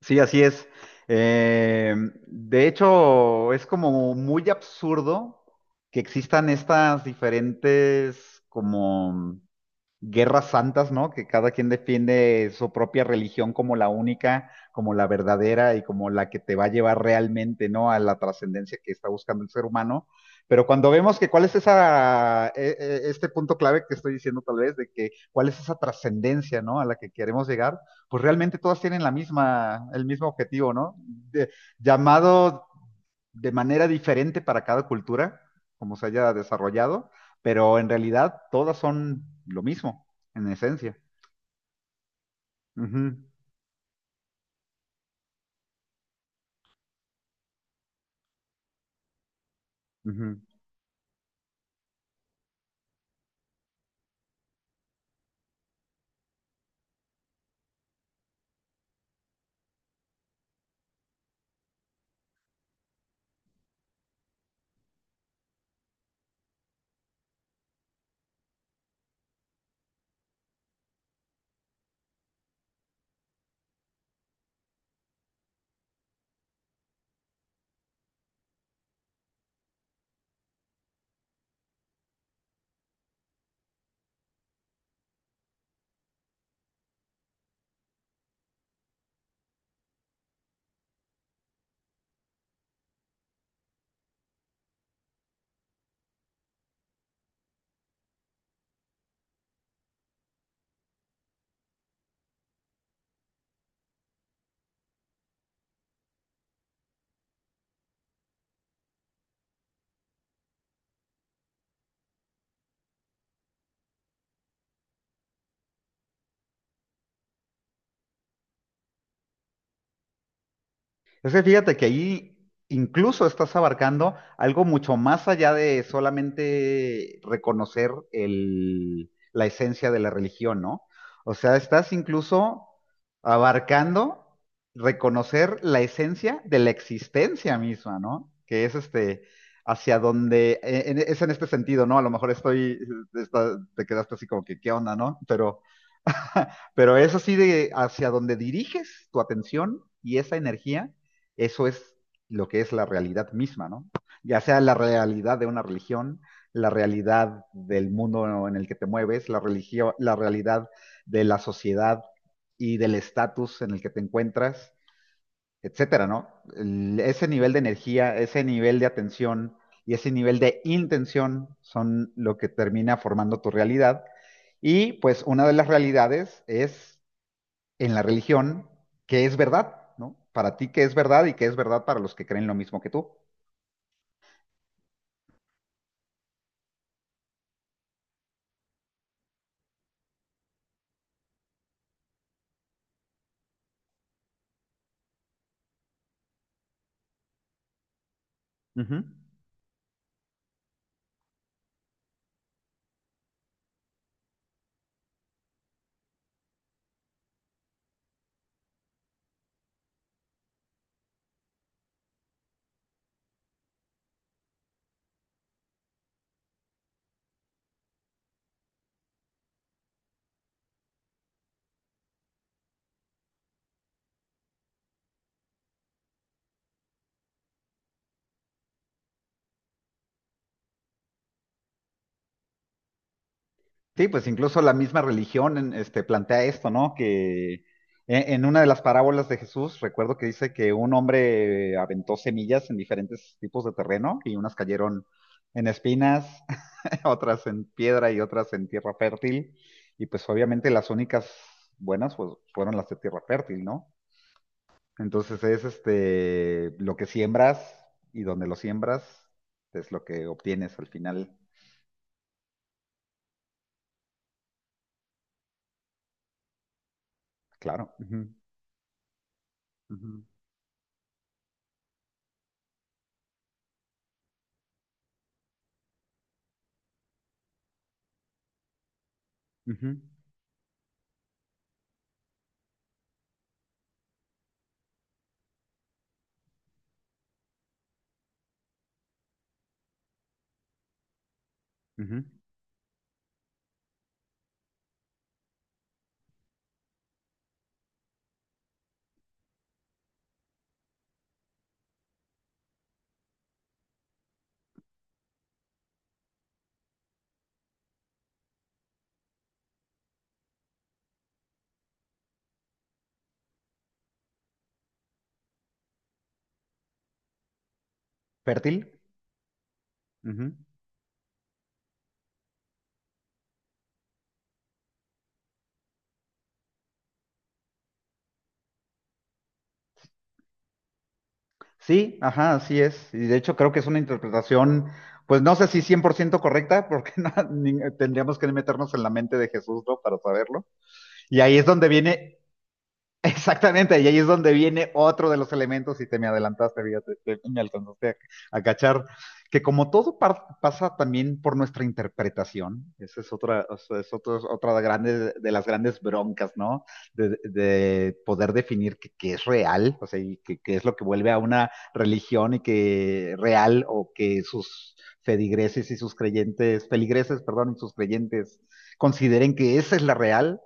Sí, así es. Eh, de hecho, es como muy absurdo que existan estas diferentes como guerras santas, ¿no? Que cada quien defiende su propia religión como la única, como la verdadera y como la que te va a llevar realmente, ¿no? A la trascendencia que está buscando el ser humano. Pero cuando vemos que cuál es esa, este punto clave que estoy diciendo tal vez, de que cuál es esa trascendencia, ¿no? A la que queremos llegar, pues realmente todas tienen la misma, el mismo objetivo, ¿no? De- llamado de manera diferente para cada cultura, como se haya desarrollado, pero en realidad todas son lo mismo, en esencia. Ujú, ujú. Es que fíjate que ahí incluso estás abarcando algo mucho más allá de solamente reconocer el- la esencia de la religión, ¿no? O sea, estás incluso abarcando reconocer la esencia de la existencia misma, ¿no? Que es este, hacia donde, es en este sentido, ¿no? A lo mejor estoy, está- te quedaste así como que, ¿qué onda, no? Pero es así de hacia donde diriges tu atención y esa energía, eso es lo que es la realidad misma, ¿no? Ya sea la realidad de una religión, la realidad del mundo en el que te mueves, la religión, la realidad de la sociedad y del estatus en el que te encuentras, etcétera, ¿no? El- ese nivel de energía, ese nivel de atención y ese nivel de intención son lo que termina formando tu realidad. Y pues una de las realidades es en la religión que es verdad, ¿no? Para ti que es verdad y que es verdad para los que creen lo mismo que tú. Ujú. Sí, pues incluso la misma religión en- este, plantea esto, ¿no? Que e- en una de las parábolas de Jesús, recuerdo que dice que un hombre aventó semillas en diferentes tipos de terreno y unas cayeron en espinas, otras en piedra y otras en tierra fértil. Y pues obviamente las únicas buenas pues, fueron las de tierra fértil, ¿no? Entonces es este lo que siembras y donde lo siembras es lo que obtienes al final. Claro. Ujú, ujú, ujú, ujú. Fértil. Ujú. Sí, ajá, así es. Y de hecho creo que es una interpretación, pues no sé si 100% correcta, porque no- ni- tendríamos que meternos en la mente de Jesús, ¿no? Para saberlo. Y ahí es donde viene. Exactamente, y ahí es donde viene otro de los elementos, y te me adelantaste, fíjate, te- me alcanzaste a cachar, que como todo par- pasa también por nuestra interpretación, esa es otra, o sea, es otra de, grande- de las grandes broncas, ¿no? De poder definir qué es real, o sea, y qué es lo que vuelve a una religión y que real, o que sus feligreses y sus creyentes, feligreses, perdón, y sus creyentes consideren que esa es la real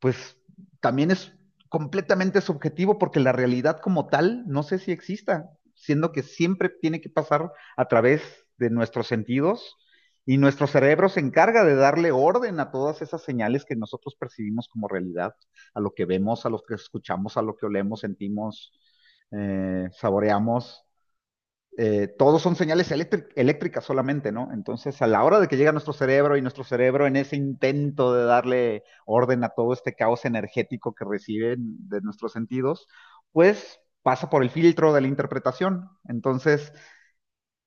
pues también es completamente subjetivo porque la realidad como tal no sé si exista, siendo que siempre tiene que pasar a través de nuestros sentidos y nuestro cerebro se encarga de darle orden a todas esas señales que nosotros percibimos como realidad, a lo que vemos, a lo que escuchamos, a lo que olemos, sentimos, saboreamos todos son señales eléctricas solamente, ¿no? Entonces, a la hora de que llega nuestro cerebro y nuestro cerebro en ese intento de darle orden a todo este caos energético que reciben de nuestros sentidos, pues pasa por el filtro de la interpretación. Entonces,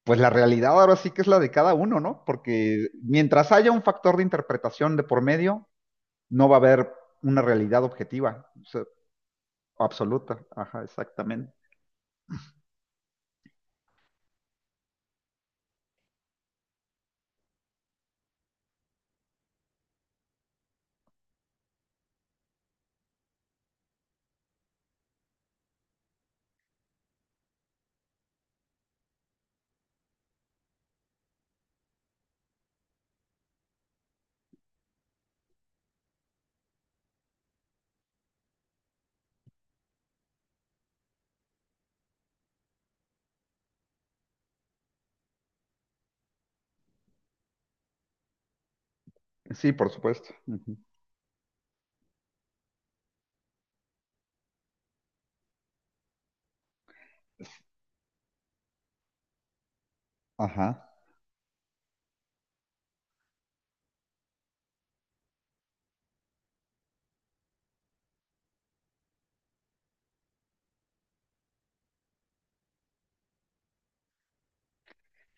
pues la realidad ahora sí que es la de cada uno, ¿no? Porque mientras haya un factor de interpretación de por medio, no va a haber una realidad objetiva, o sea, absoluta. Ajá, exactamente. Sí, por supuesto. Ujú. Ajá.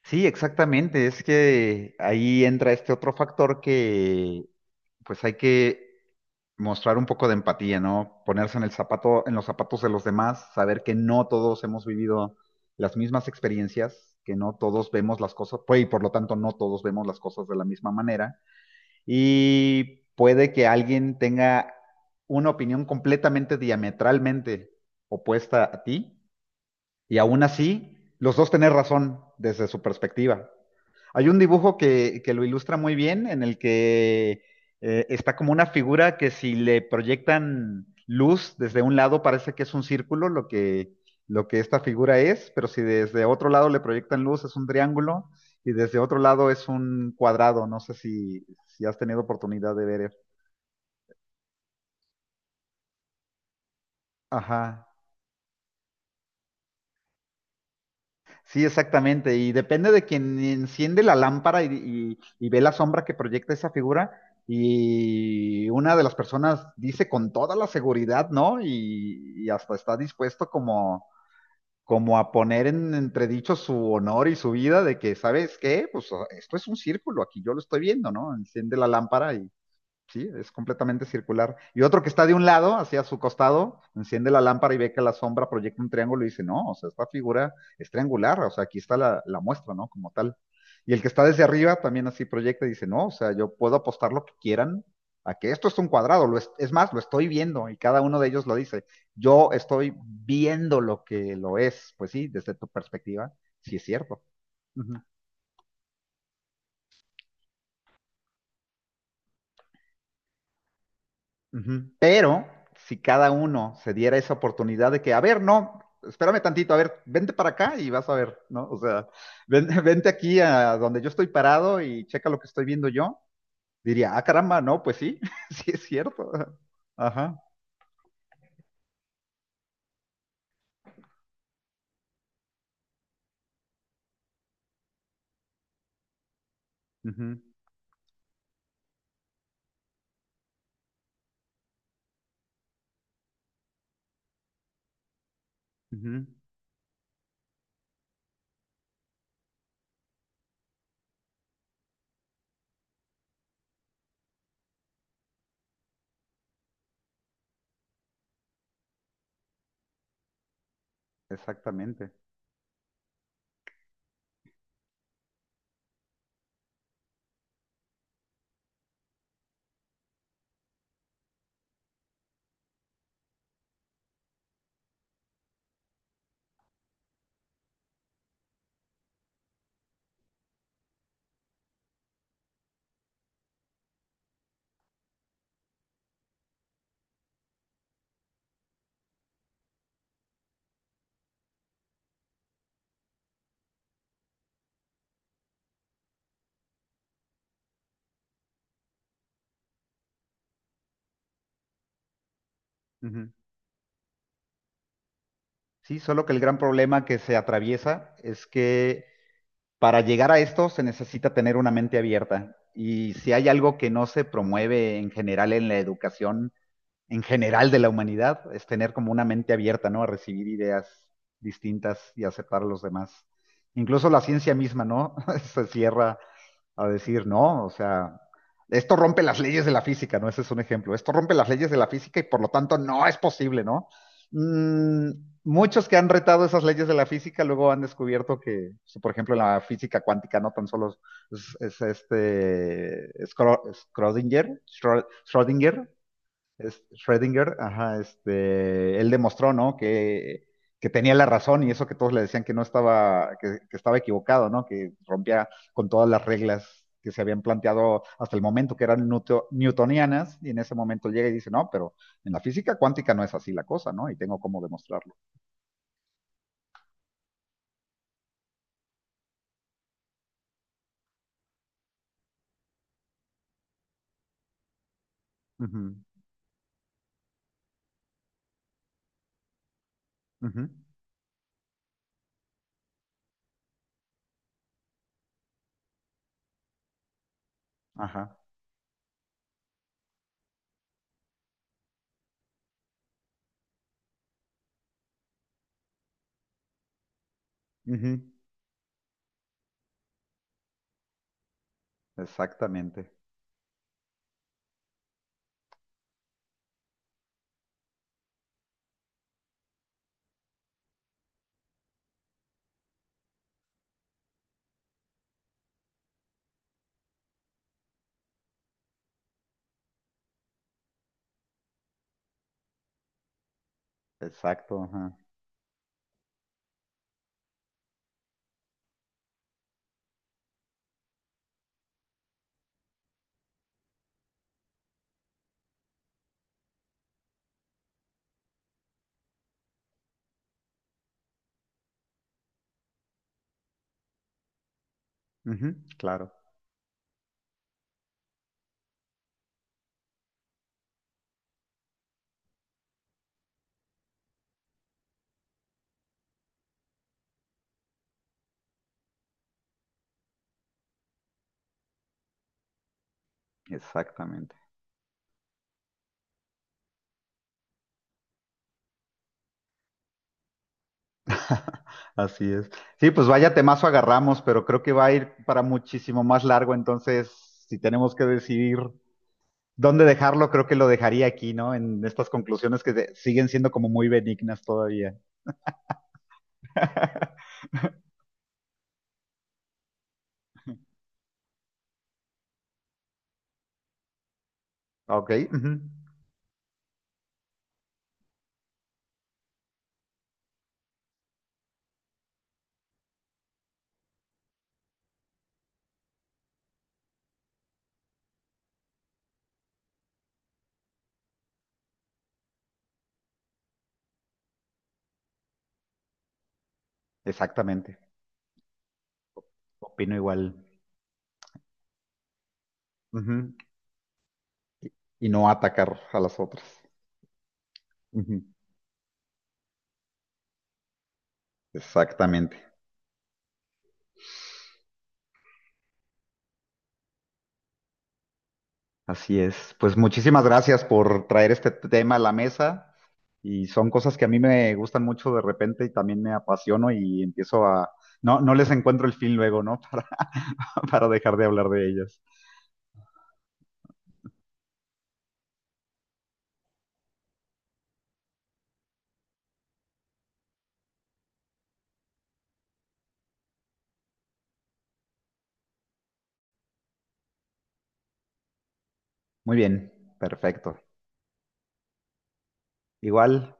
Sí, exactamente. Es que ahí entra este otro factor que pues hay que mostrar un poco de empatía, ¿no? Ponerse en el zapato, en los zapatos de los demás, saber que no todos hemos vivido las mismas experiencias, que no todos vemos las cosas, pues, y por lo tanto no todos vemos las cosas de la misma manera. Y puede que alguien tenga una opinión completamente diametralmente opuesta a ti y aún así, los dos tener razón desde su perspectiva. Hay un dibujo que lo ilustra muy bien en el que está como una figura que si le proyectan luz desde un lado parece que es un círculo lo que esta figura es, pero si desde otro lado le proyectan luz es un triángulo y desde otro lado es un cuadrado. No sé si, si has tenido oportunidad de ver. Ajá. Sí, exactamente. Y depende de quien enciende la lámpara y, y ve la sombra que proyecta esa figura. Y una de las personas dice con toda la seguridad, ¿no? Y hasta está dispuesto como, como a poner en entredicho su honor y su vida de que, ¿sabes qué? Pues esto es un círculo, aquí yo lo estoy viendo, ¿no? Enciende la lámpara. Sí, es completamente circular. Y otro que está de un lado, hacia su costado, enciende la lámpara y ve que la sombra proyecta un triángulo y dice, no, o sea, esta figura es triangular, o sea, aquí está la, la muestra, ¿no? Como tal. Y el que está desde arriba también así proyecta y dice, no, o sea, yo puedo apostar lo que quieran a que esto es un cuadrado, lo es, más, lo estoy viendo y cada uno de ellos lo dice, yo estoy viendo lo que lo es, pues sí, desde tu perspectiva, sí es cierto. Uh -huh. Ujú. Pero si cada uno se diera esa oportunidad de que, a ver, no, espérame tantito, a ver, vente para acá y vas a ver, ¿no? O sea, vente aquí a donde yo estoy parado y checa lo que estoy viendo yo, diría, ah, caramba, no, pues sí, sí es cierto. Ajá, ujú, ujú, exactamente. Ujú. Sí, solo que el gran problema que se atraviesa es que para llegar a esto se necesita tener una mente abierta. Y si hay algo que no se promueve en general en la educación, en general de la humanidad, es tener como una mente abierta, ¿no? A recibir ideas distintas y aceptar a los demás. Incluso la ciencia misma, ¿no? Se cierra a decir, no, o sea, esto rompe las leyes de la física, ¿no? Ese es un ejemplo. Esto rompe las leyes de la física y por lo tanto no es posible, ¿no? Mm, muchos que han retado esas leyes de la física luego han descubierto que, pues, por ejemplo, en la física cuántica no tan solo es este Schrödinger, es Schrödinger, ajá, este, él demostró, ¿no? Que tenía la razón y eso que todos le decían que no estaba, que estaba equivocado, ¿no? Que rompía con todas las reglas que se habían planteado hasta el momento, que eran newtonianas, y en ese momento llega y dice, no, pero en la física cuántica no es así la cosa, ¿no? Y tengo cómo demostrarlo. Ujú, ujú, ajá, ujú, exactamente, exacto, ajá, ujú, claro, exactamente. Así es. Sí, pues vaya temazo agarramos, pero creo que va a ir para muchísimo más largo, entonces si tenemos que decidir dónde dejarlo, creo que lo dejaría aquí, ¿no? En estas conclusiones que se- siguen siendo como muy benignas todavía. Ok, ujú. Exactamente. Opino igual. Ujú. Y no atacar a las otras. Ujú. Exactamente. Así es. Pues muchísimas gracias por traer este tema a la mesa. Y son cosas que a mí me gustan mucho de repente y también me apasiono y empiezo a... No, no les encuentro el fin luego, ¿no? Para dejar de hablar de ellas. Muy bien, perfecto. Igual,